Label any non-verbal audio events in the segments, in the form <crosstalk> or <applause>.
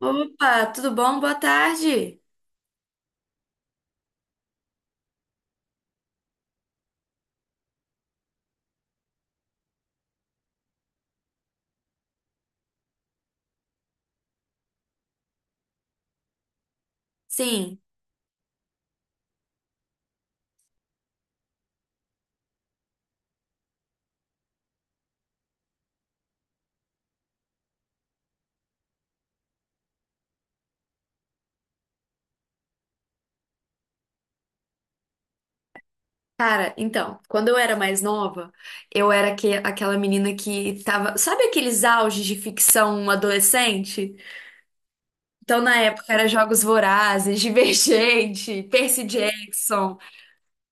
Opa, tudo bom? Boa tarde. Sim, cara, então, quando eu era mais nova, eu era que, aquela menina que tava. Sabe aqueles auges de ficção adolescente? Então, na época, era Jogos Vorazes, <laughs> Divergente, Percy Jackson,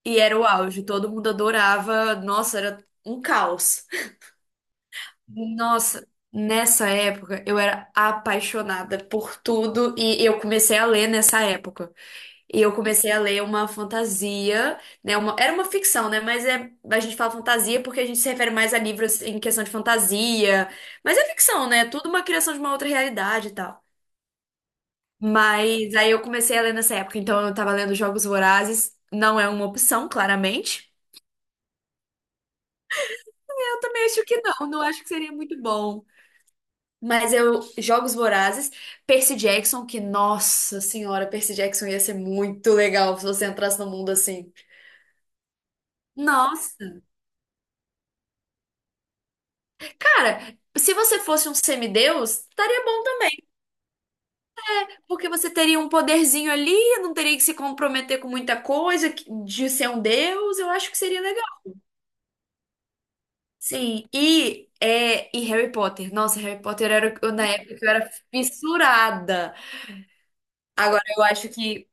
e era o auge. Todo mundo adorava. Nossa, era um caos. Nossa, nessa época, eu era apaixonada por tudo e eu comecei a ler nessa época. E eu comecei a ler uma fantasia, né? Uma, era uma ficção, né? Mas é, a gente fala fantasia porque a gente se refere mais a livros em questão de fantasia. Mas é ficção, né? É tudo uma criação de uma outra realidade e tal. Mas aí eu comecei a ler nessa época. Então eu tava lendo Jogos Vorazes. Não é uma opção, claramente. Eu também acho que não. Não acho que seria muito bom. Mas eu, Jogos Vorazes, Percy Jackson, que, nossa senhora, Percy Jackson ia ser muito legal se você entrasse no mundo assim. Nossa. Cara, se você fosse um semideus, estaria bom também, porque você teria um poderzinho ali, não teria que se comprometer com muita coisa que- de ser um deus, eu acho que seria legal. Sim, e, é, e Harry Potter. Nossa, Harry Potter era o que eu- na época que eu era fissurada. Agora eu acho que,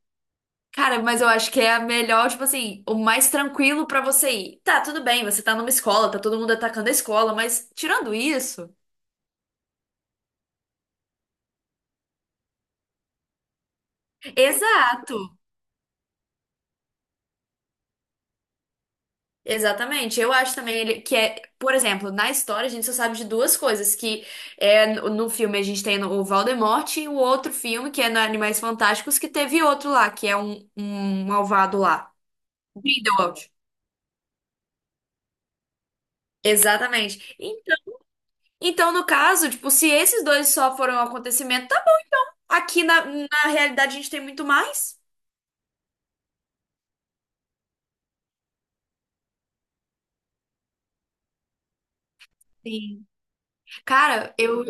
cara, mas eu acho que é a melhor, tipo assim, o mais tranquilo pra você ir. Tá, tudo bem, você tá numa escola, tá todo mundo atacando a escola, mas tirando isso, exato. Exatamente. Eu acho também ele- que é, por exemplo, na história a gente só sabe de duas coisas, que é no filme a gente tem o Voldemort e o outro filme, que é no Animais Fantásticos, que teve outro lá, que é um, um malvado lá. Grindelwald. Exatamente. Então, então, no caso, tipo, se esses dois só foram um acontecimento, tá- aqui na, na realidade a gente tem muito mais. Sim. Cara, eu.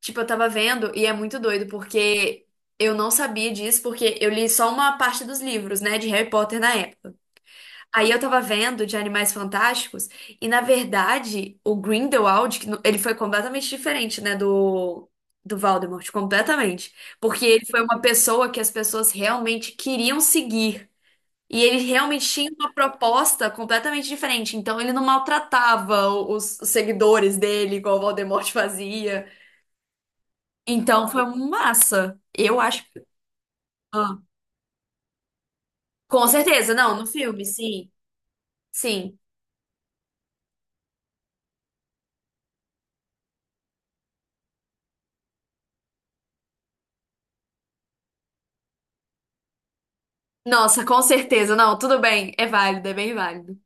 Tipo, eu tava vendo e é muito doido, porque eu não sabia disso, porque eu li só uma parte dos livros, né, de Harry Potter na época. Aí eu tava vendo de Animais Fantásticos e, na verdade, o Grindelwald, que no- ele foi completamente diferente, né, do, do Voldemort, completamente. Porque ele foi uma pessoa que as pessoas realmente queriam seguir. E ele realmente tinha uma proposta completamente diferente. Então, ele não maltratava o- os seguidores dele, igual o Voldemort fazia. Então foi um massa. Eu acho. Ah, com certeza, não, no filme, sim. Sim. Nossa, com certeza, não, tudo bem. É válido, é bem válido.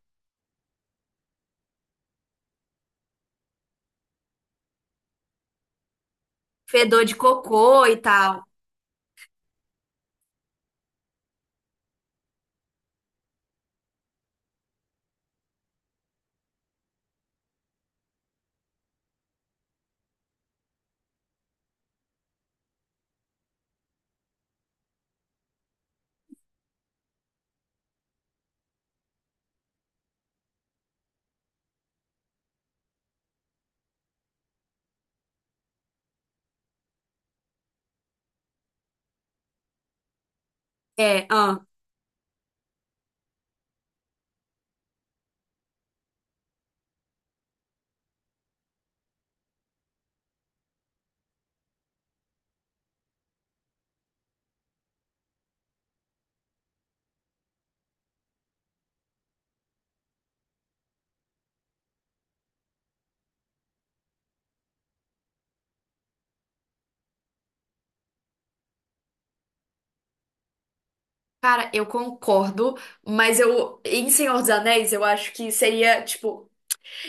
Fedor de cocô e tal. É, ah. Cara, eu concordo, mas eu, em Senhor dos Anéis, eu acho que seria, tipo,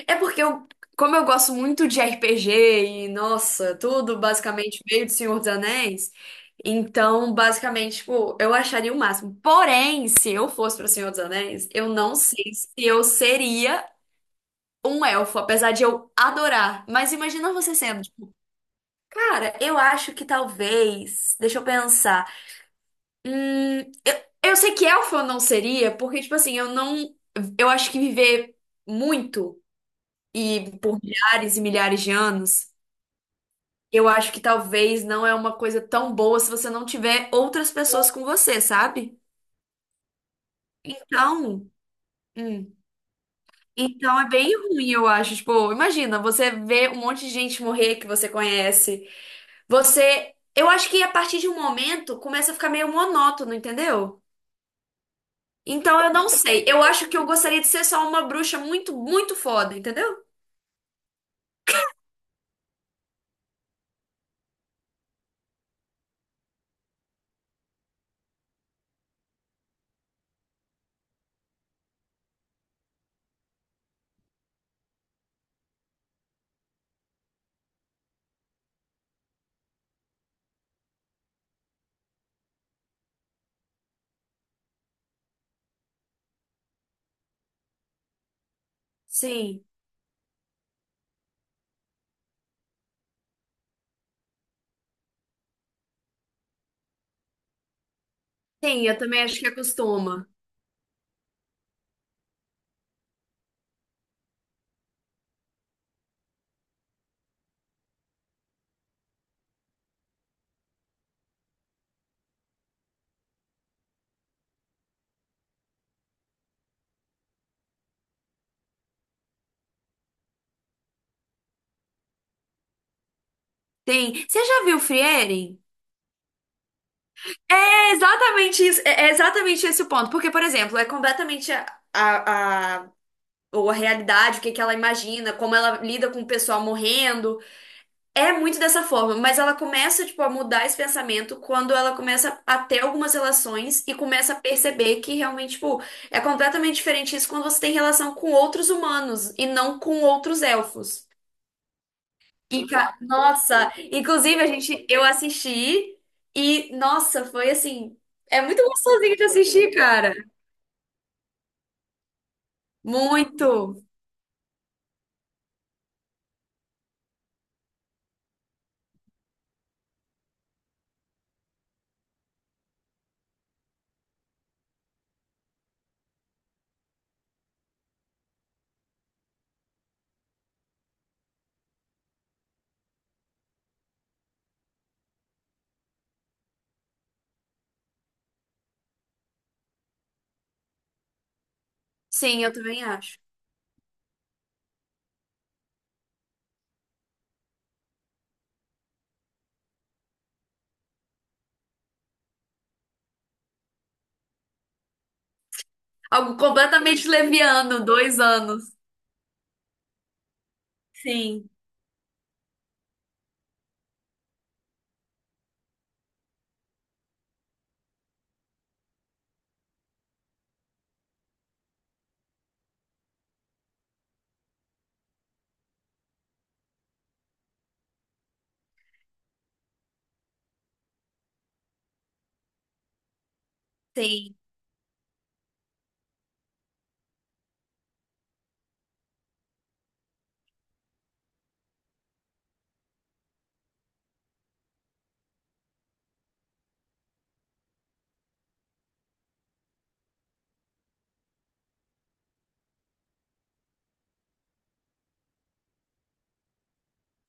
é porque eu, como eu gosto muito de RPG e, nossa, tudo basicamente meio de Senhor dos Anéis, então, basicamente, tipo, eu acharia o máximo. Porém, se eu fosse para Senhor dos Anéis, eu não sei se eu seria um elfo, apesar de eu adorar. Mas imagina você sendo, tipo, cara, eu acho que talvez, deixa eu pensar. Hum, eu, eu sei que elfo eu não seria, porque, tipo assim, eu não, eu acho que viver muito e por milhares e milhares de anos. Eu acho que talvez não é uma coisa tão boa se você não tiver outras pessoas com você, sabe? Então, hum, então é bem ruim, eu acho. Tipo, imagina, você vê um monte de gente morrer que você conhece. Você, eu acho que a partir de um momento começa a ficar meio monótono, entendeu? Então eu não sei. Eu acho que eu gostaria de ser só uma bruxa muito, muito foda, entendeu? Sim. Sim, eu também acho que acostuma. Tem. Você já viu Frieren? Exatamente isso, é exatamente esse o ponto. Porque, por exemplo, é completamente a- ou a realidade, o que que ela imagina, como ela lida com o pessoal morrendo. É muito dessa forma, mas ela começa, tipo, a mudar esse pensamento quando ela começa a ter algumas relações e começa a perceber que realmente, tipo, é completamente diferente isso quando você tem relação com outros humanos e não com outros elfos. E, ca- nossa, inclusive a gente, eu assisti e, nossa, foi assim, é muito gostosinho de assistir, cara. Muito. Sim, eu também acho. Algo completamente leviano, dois anos. Sim, sim,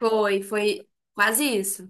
foi, foi quase isso.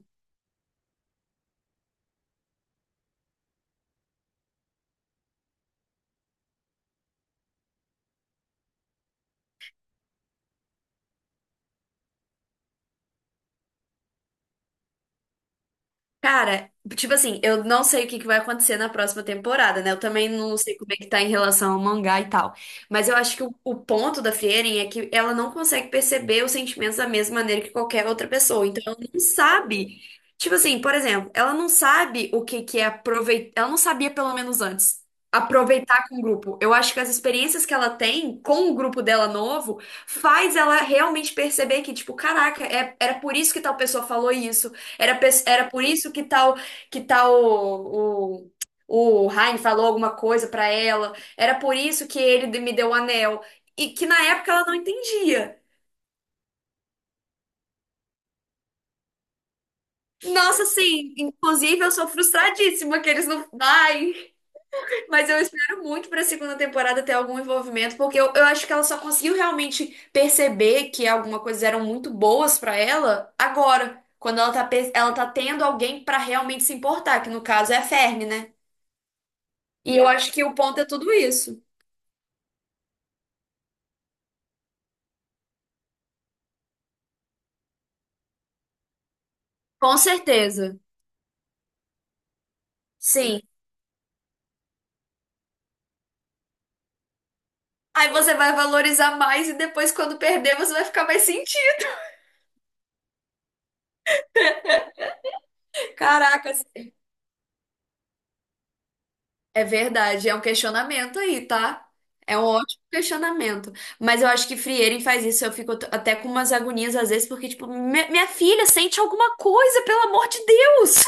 Cara, tipo assim, eu não sei o que que vai acontecer na próxima temporada, né? Eu também não sei como é que tá em relação ao mangá e tal. Mas eu acho que o ponto da Frieren é que ela não consegue perceber os sentimentos da mesma maneira que qualquer outra pessoa. Então ela não sabe. Tipo assim, por exemplo, ela não sabe o que que é aproveitar. Ela não sabia, pelo menos antes, aproveitar com o grupo. Eu acho que as experiências que ela tem com o grupo dela novo faz ela realmente perceber que, tipo, caraca, é- era por isso que tal pessoa falou isso. Era, pe- era por isso que tal o Heine falou alguma coisa pra ela. Era por isso que ele me deu o anel. E que na época ela não entendia. Nossa, sim, inclusive eu sou frustradíssima que eles não. Ai, mas eu espero muito pra segunda temporada ter algum envolvimento, porque eu acho que ela só conseguiu realmente perceber que alguma coisa eram muito boas pra ela agora, quando ela tá, pe- ela tá tendo alguém pra realmente se importar, que no caso é a Fermi, né? E eu acho que o ponto é tudo isso. Com certeza. Sim. Aí você vai valorizar mais e depois, quando perder, você vai ficar mais sentido. Caracas. É verdade, é um questionamento aí, tá? É um ótimo questionamento. Mas eu acho que Frierin faz isso. Eu fico t- até com umas agonias às vezes, porque, tipo, "Mi- minha filha sente alguma coisa, pelo amor de Deus!"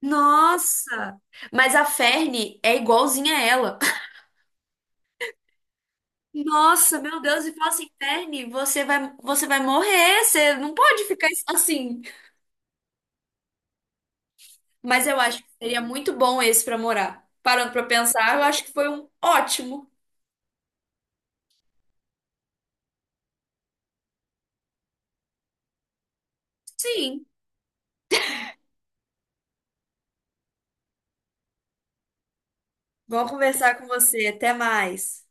Nossa! Mas a Ferne é igualzinha a ela. Nossa, meu Deus, e fala assim, Verne, você vai morrer, você não pode ficar assim. Mas eu acho que seria muito bom esse pra morar. Parando pra pensar, eu acho que foi um ótimo. Sim, bom conversar com você. Até mais.